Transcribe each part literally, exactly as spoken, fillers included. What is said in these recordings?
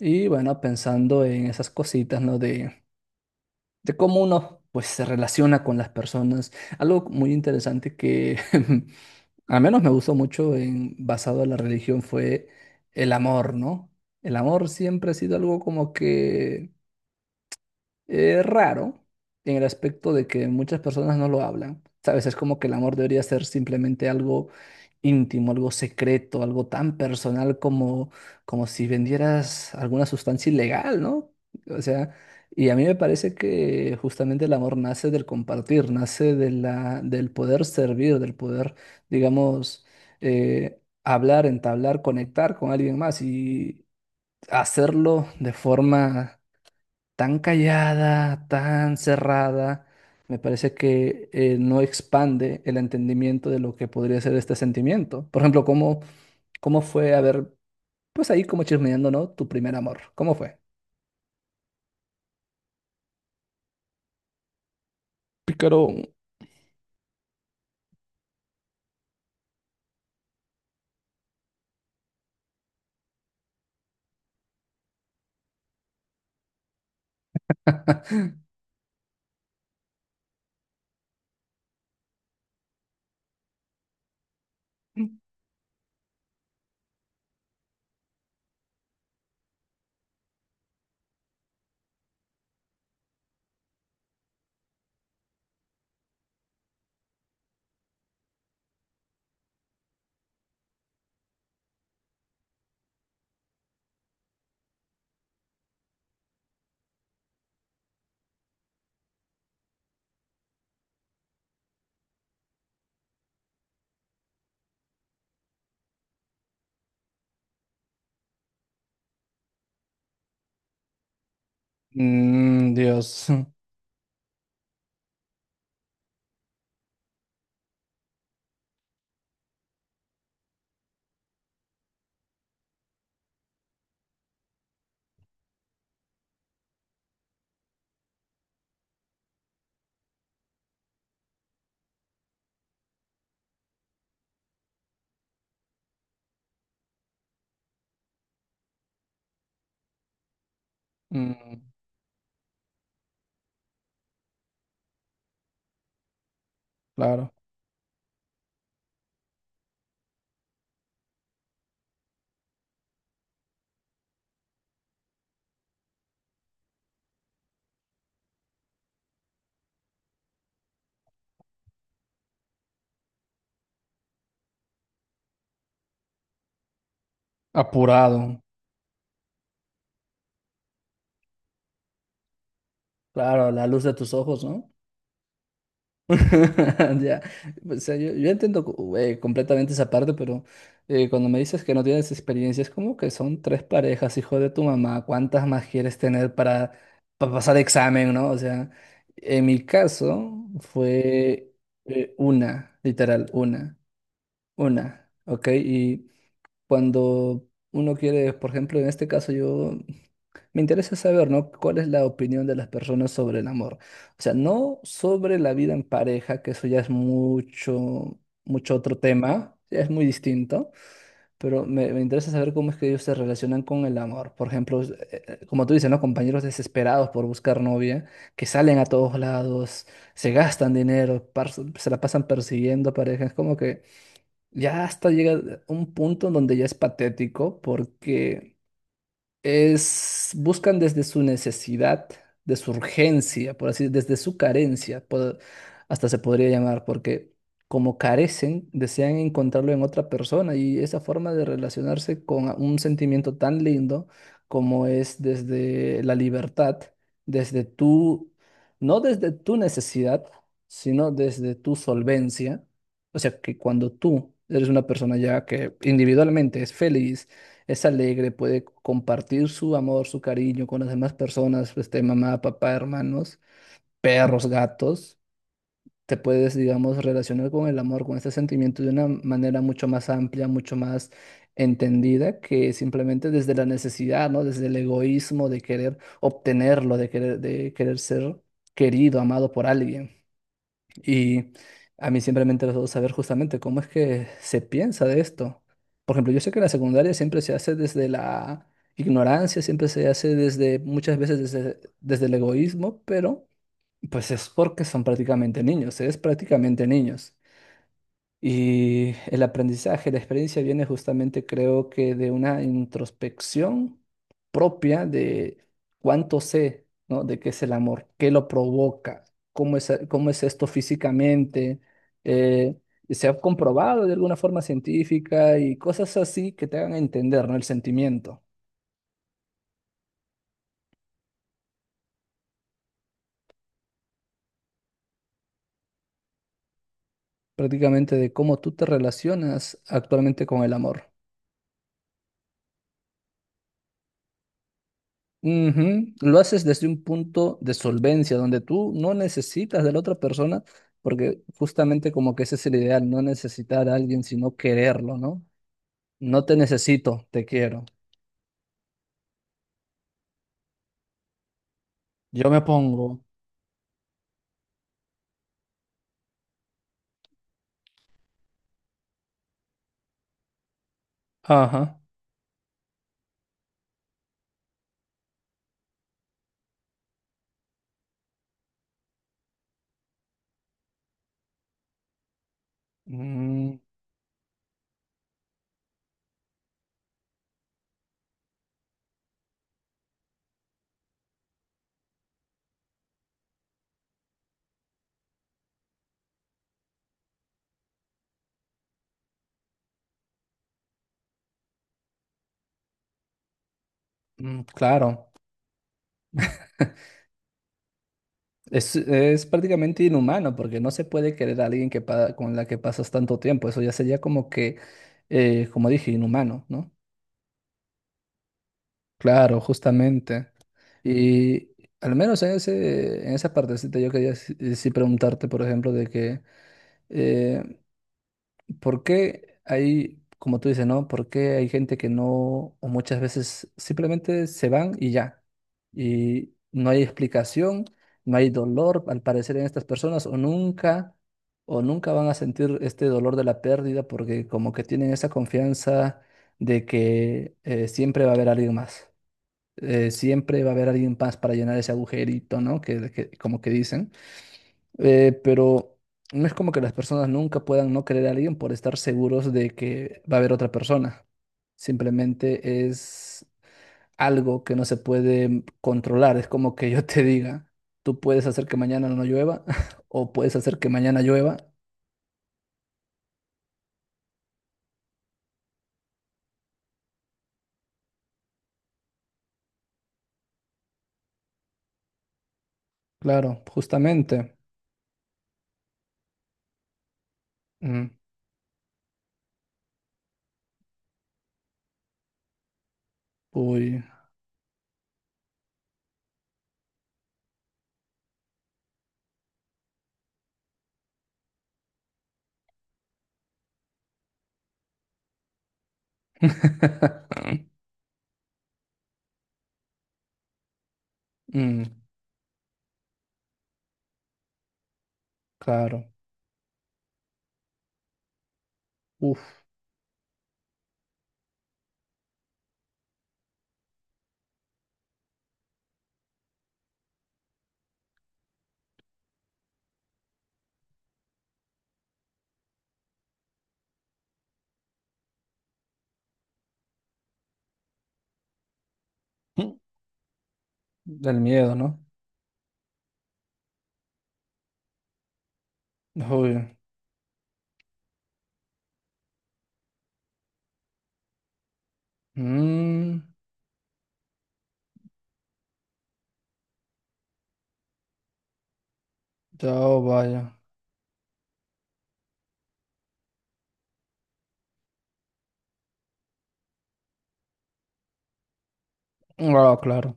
Y bueno, pensando en esas cositas, ¿no? De, de cómo uno pues se relaciona con las personas. Algo muy interesante que al menos me gustó mucho en, basado en la religión fue el amor, ¿no? El amor siempre ha sido algo como que eh, raro en el aspecto de que muchas personas no lo hablan. Sabes, es como que el amor debería ser simplemente algo íntimo, algo secreto, algo tan personal como, como si vendieras alguna sustancia ilegal, ¿no? O sea, y a mí me parece que justamente el amor nace del compartir, nace de la, del poder servir, del poder, digamos, eh, hablar, entablar, conectar con alguien más y hacerlo de forma tan callada, tan cerrada, me parece que eh, no expande el entendimiento de lo que podría ser este sentimiento. Por ejemplo, ¿cómo, cómo fue, a ver, pues ahí como chismeando? ¿No? Tu primer amor, ¿cómo fue? Pícaro. Mm, Dios. Mm, claro. Apurado. Claro, la luz de tus ojos, ¿no? Ya, o sea, yo, yo entiendo co- eh, completamente esa parte, pero eh, cuando me dices que no tienes experiencia, es como que son tres parejas, hijo de tu mamá, ¿cuántas más quieres tener para, para, pasar examen? ¿No? O sea, en mi caso fue eh, una, literal, una, una, ¿ok? Y cuando uno quiere, por ejemplo, en este caso yo me interesa saber, ¿no? ¿Cuál es la opinión de las personas sobre el amor? O sea, no sobre la vida en pareja, que eso ya es mucho, mucho otro tema, ya es muy distinto, pero me, me interesa saber cómo es que ellos se relacionan con el amor. Por ejemplo, es- eh, eh, como tú dices, ¿no? Compañeros desesperados por buscar novia, que salen a todos lados, se gastan dinero, par- se la pasan persiguiendo parejas, como que ya hasta llega un punto en donde ya es patético porque es, buscan desde su necesidad, de su urgencia, por así, desde su carencia, po- hasta se podría llamar, porque como carecen, desean encontrarlo en otra persona y esa forma de relacionarse con a- un sentimiento tan lindo como es desde la libertad, desde tu, no desde tu necesidad, sino desde tu solvencia. O sea, que cuando tú eres una persona ya que individualmente es feliz, es alegre, puede compartir su amor, su cariño con las demás personas, este, mamá, papá, hermanos, perros, gatos. Te puedes, digamos, relacionar con el amor, con este sentimiento de una manera mucho más amplia, mucho más entendida que simplemente desde la necesidad, ¿no? Desde el egoísmo de querer obtenerlo, de querer, de querer ser querido, amado por alguien. Y a mí siempre me ha interesado saber justamente cómo es que se piensa de esto. Por ejemplo, yo sé que la secundaria siempre se hace desde la ignorancia, siempre se hace desde, muchas veces desde, desde el egoísmo, pero pues es porque son prácticamente niños, es prácticamente niños. Y el aprendizaje, la experiencia viene justamente, creo que, de una introspección propia de cuánto sé, ¿no? De qué es el amor, qué lo provoca, cómo es, cómo es esto físicamente. eh, Se ha comprobado de alguna forma científica y cosas así que te hagan entender, ¿no? El sentimiento, prácticamente de cómo tú te relacionas actualmente con el amor. Ujú. Lo haces desde un punto de solvencia, donde tú no necesitas de la otra persona, porque justamente como que ese es el ideal, no necesitar a alguien, sino quererlo, ¿no? No te necesito, te quiero. Yo me pongo, ajá, mm, mm, claro, es, es prácticamente inhumano, porque no se puede querer a alguien que pa- con la que pasas tanto tiempo, eso ya sería como que, eh, como dije, inhumano, ¿no? Claro, justamente. Y al menos en ese, en esa partecita yo quería sí eh, sí preguntarte, por ejemplo, de que, eh, ¿por qué hay, como tú dices, no? ¿Por qué hay gente que no, o muchas veces simplemente se van y ya? Y no hay explicación, no hay dolor, al parecer, en estas personas, o nunca, o nunca van a sentir este dolor de la pérdida porque como que tienen esa confianza de que eh, siempre va a haber alguien más eh, siempre va a haber alguien más para llenar ese agujerito, ¿no? Que, que- como que dicen. Eh, pero no es como que las personas nunca puedan no querer a alguien por estar seguros de que va a haber otra persona. Simplemente es algo que no se puede controlar. Es como que yo te diga, tú puedes hacer que mañana no llueva o puedes hacer que mañana llueva. Claro, justamente. Mm, uy. Mm, claro. Uf. Mm, Del miedo, ¿no? Uy. Mm, ya oh, vaya. Ah, claro.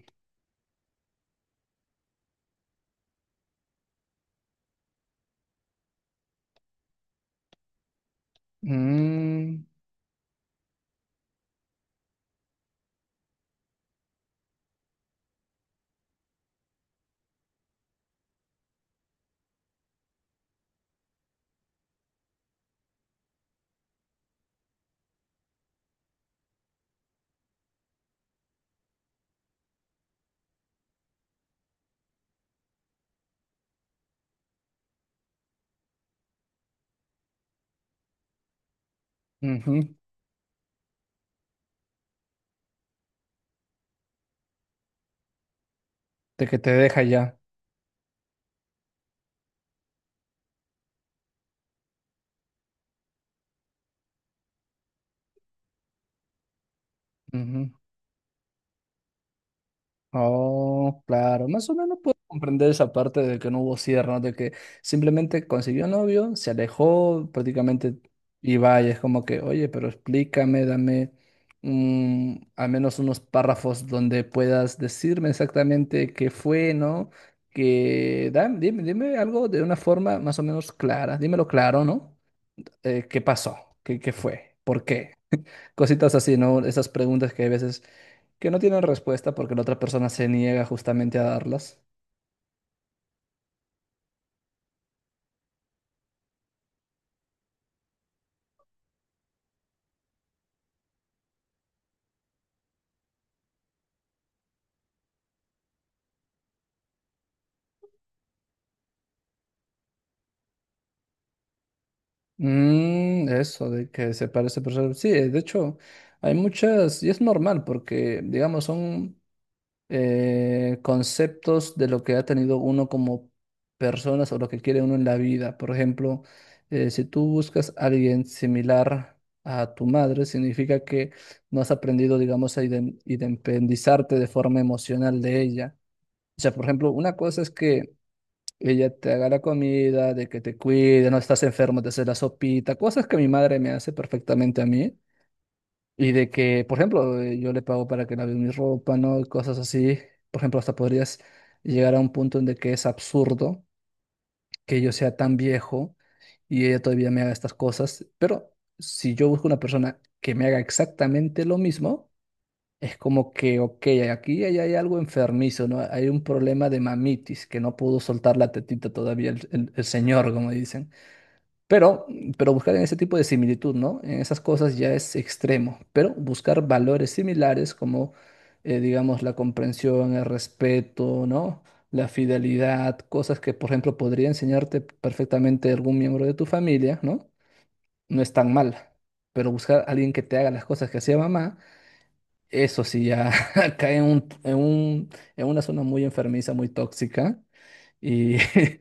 Mm, ujú. De que te deja ya. Ujú. Oh, claro, más o menos puedo comprender esa parte de que no hubo cierre, ¿no? De que simplemente consiguió novio, se alejó prácticamente y vaya, es como que, oye, pero explícame, dame mm, al menos unos párrafos donde puedas decirme exactamente qué fue, ¿no? Que da- dime, dime algo de una forma más o menos clara, dímelo claro, ¿no? Eh, ¿qué pasó? ¿Qué, qué fue? ¿Por qué? Cositas así, ¿no? Esas preguntas que hay veces que no tienen respuesta porque la otra persona se niega justamente a darlas. Mm, eso de que se parece, pero sí, de hecho, hay muchas, y es normal porque, digamos, son eh, conceptos de lo que ha tenido uno como personas o lo que quiere uno en la vida. Por ejemplo, eh, si tú buscas a alguien similar a tu madre, significa que no has aprendido, digamos, a iden- independizarte de forma emocional de ella. O sea, por ejemplo, una cosa es que ella te haga la comida, de que te cuide, no estás enfermo, te hace la sopita, cosas que mi madre me hace perfectamente a mí. Y de que, por ejemplo, eh, yo le pago para que lave mi ropa, ¿no? Y cosas así. Por ejemplo, hasta podrías llegar a un punto en de que es absurdo que yo sea tan viejo y ella todavía me haga estas cosas. Pero si yo busco una persona que me haga exactamente lo mismo, es como que, ok, aquí hay, hay algo enfermizo, ¿no? Hay un problema de mamitis, que no pudo soltar la tetita todavía el, el- el señor, como dicen. Pero, pero buscar en ese tipo de similitud, ¿no? En esas cosas ya es extremo, pero buscar valores similares como, eh, digamos, la comprensión, el respeto, ¿no? La fidelidad, cosas que, por ejemplo, podría enseñarte perfectamente algún miembro de tu familia, ¿no? No es tan mal, pero buscar a alguien que te haga las cosas que hacía mamá eso sí, ya cae en un, en un- en una zona muy enfermiza, muy tóxica, y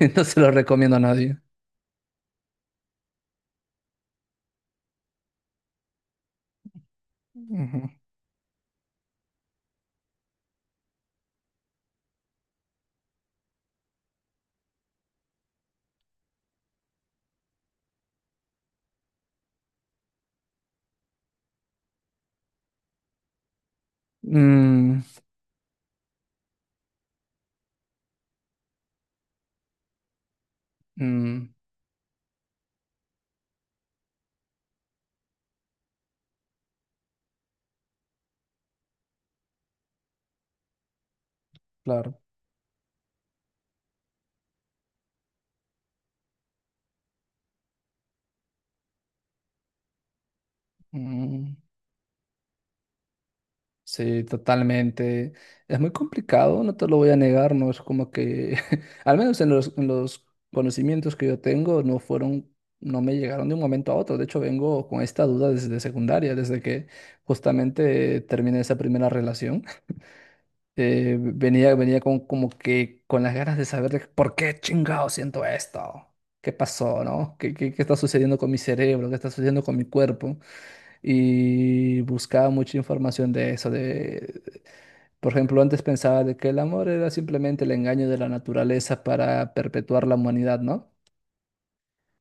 no se lo recomiendo a nadie. Ujú. Mm, mm, claro. Mm, sí, totalmente. Es muy complicado, no te lo voy a negar, no es como que, al menos en los, en los conocimientos que yo tengo, no fueron, no me llegaron de un momento a otro. De hecho, vengo con esta duda desde secundaria, desde que justamente terminé esa primera relación. eh, venía, venía con, como que con las ganas de saber de por qué chingado siento esto. ¿Qué pasó, no? ¿Qué, qué, qué está sucediendo con mi cerebro? ¿Qué está sucediendo con mi cuerpo? Y buscaba mucha información de eso. De... Por ejemplo, antes pensaba de que el amor era simplemente el engaño de la naturaleza para perpetuar la humanidad, ¿no?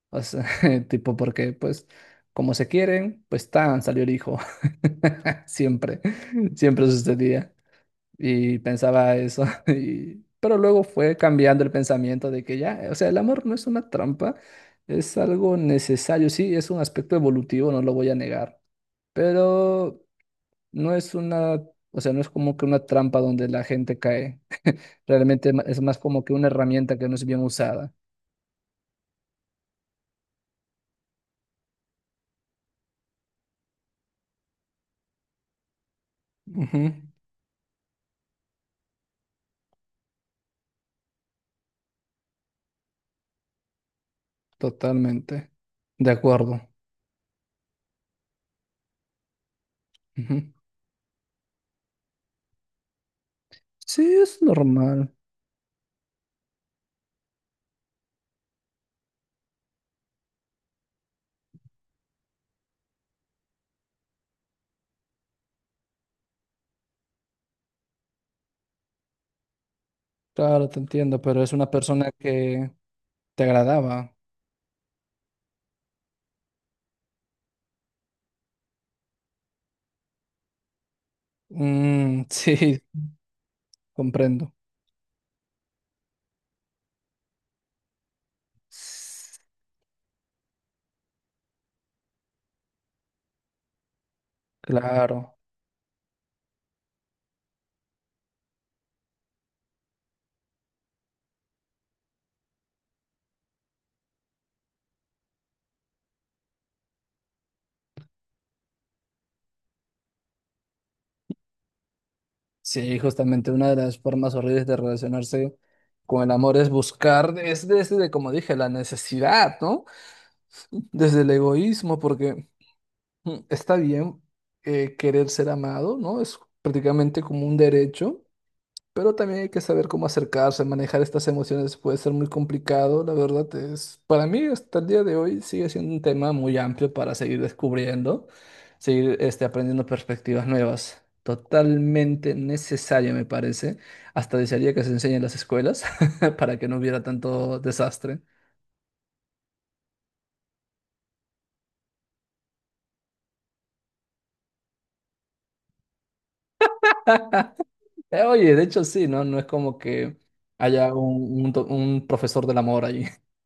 O sea, tipo porque, pues, como se quieren, pues tan, salió el hijo. Siempre, siempre sucedía. Y pensaba eso, y- pero luego fue cambiando el pensamiento de que ya, o sea, el amor no es una trampa, es algo necesario, sí, es un aspecto evolutivo, no lo voy a negar, pero no es una, o sea, no es como que una trampa donde la gente cae, realmente ma- es más como que una herramienta que no es bien usada. Ujú, totalmente, de acuerdo. Ujú. Sí, es normal, claro, te entiendo, pero es una persona que te agradaba. Mm, sí, comprendo. Claro. Sí, justamente una de las formas horribles de relacionarse con el amor es buscar, es desde, como dije, la necesidad, ¿no? Desde el egoísmo, porque mm, está bien eh, querer ser amado, ¿no? Es prácticamente como un derecho. Pero también hay que saber cómo acercarse, manejar estas emociones puede ser muy complicado, la verdad es, para mí hasta el día de hoy sigue siendo un tema muy amplio para seguir descubriendo, seguir este, aprendiendo perspectivas nuevas. Totalmente necesario, me parece. Hasta desearía que se enseñe en las escuelas para que no hubiera tanto desastre. Eh, oye, de hecho sí, ¿no? No es como que haya un, un do- un profesor del amor ahí.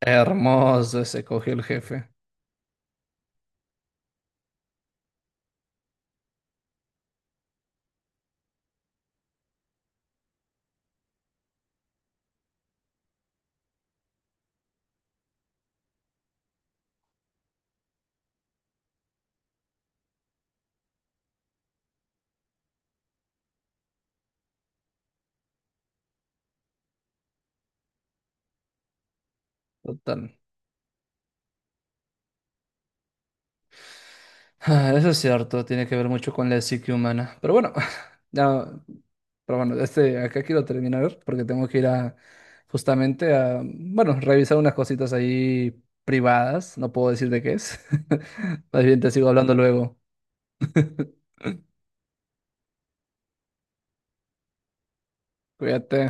Hermoso ese cogió el jefe. Total. Ah, eso es cierto, tiene que ver mucho con la psique humana. Pero bueno, ya, pero bueno, este, acá quiero terminar porque tengo que ir a justamente a, bueno, revisar unas cositas ahí privadas. No puedo decir de qué es. Más bien te sigo hablando luego. Cuídate.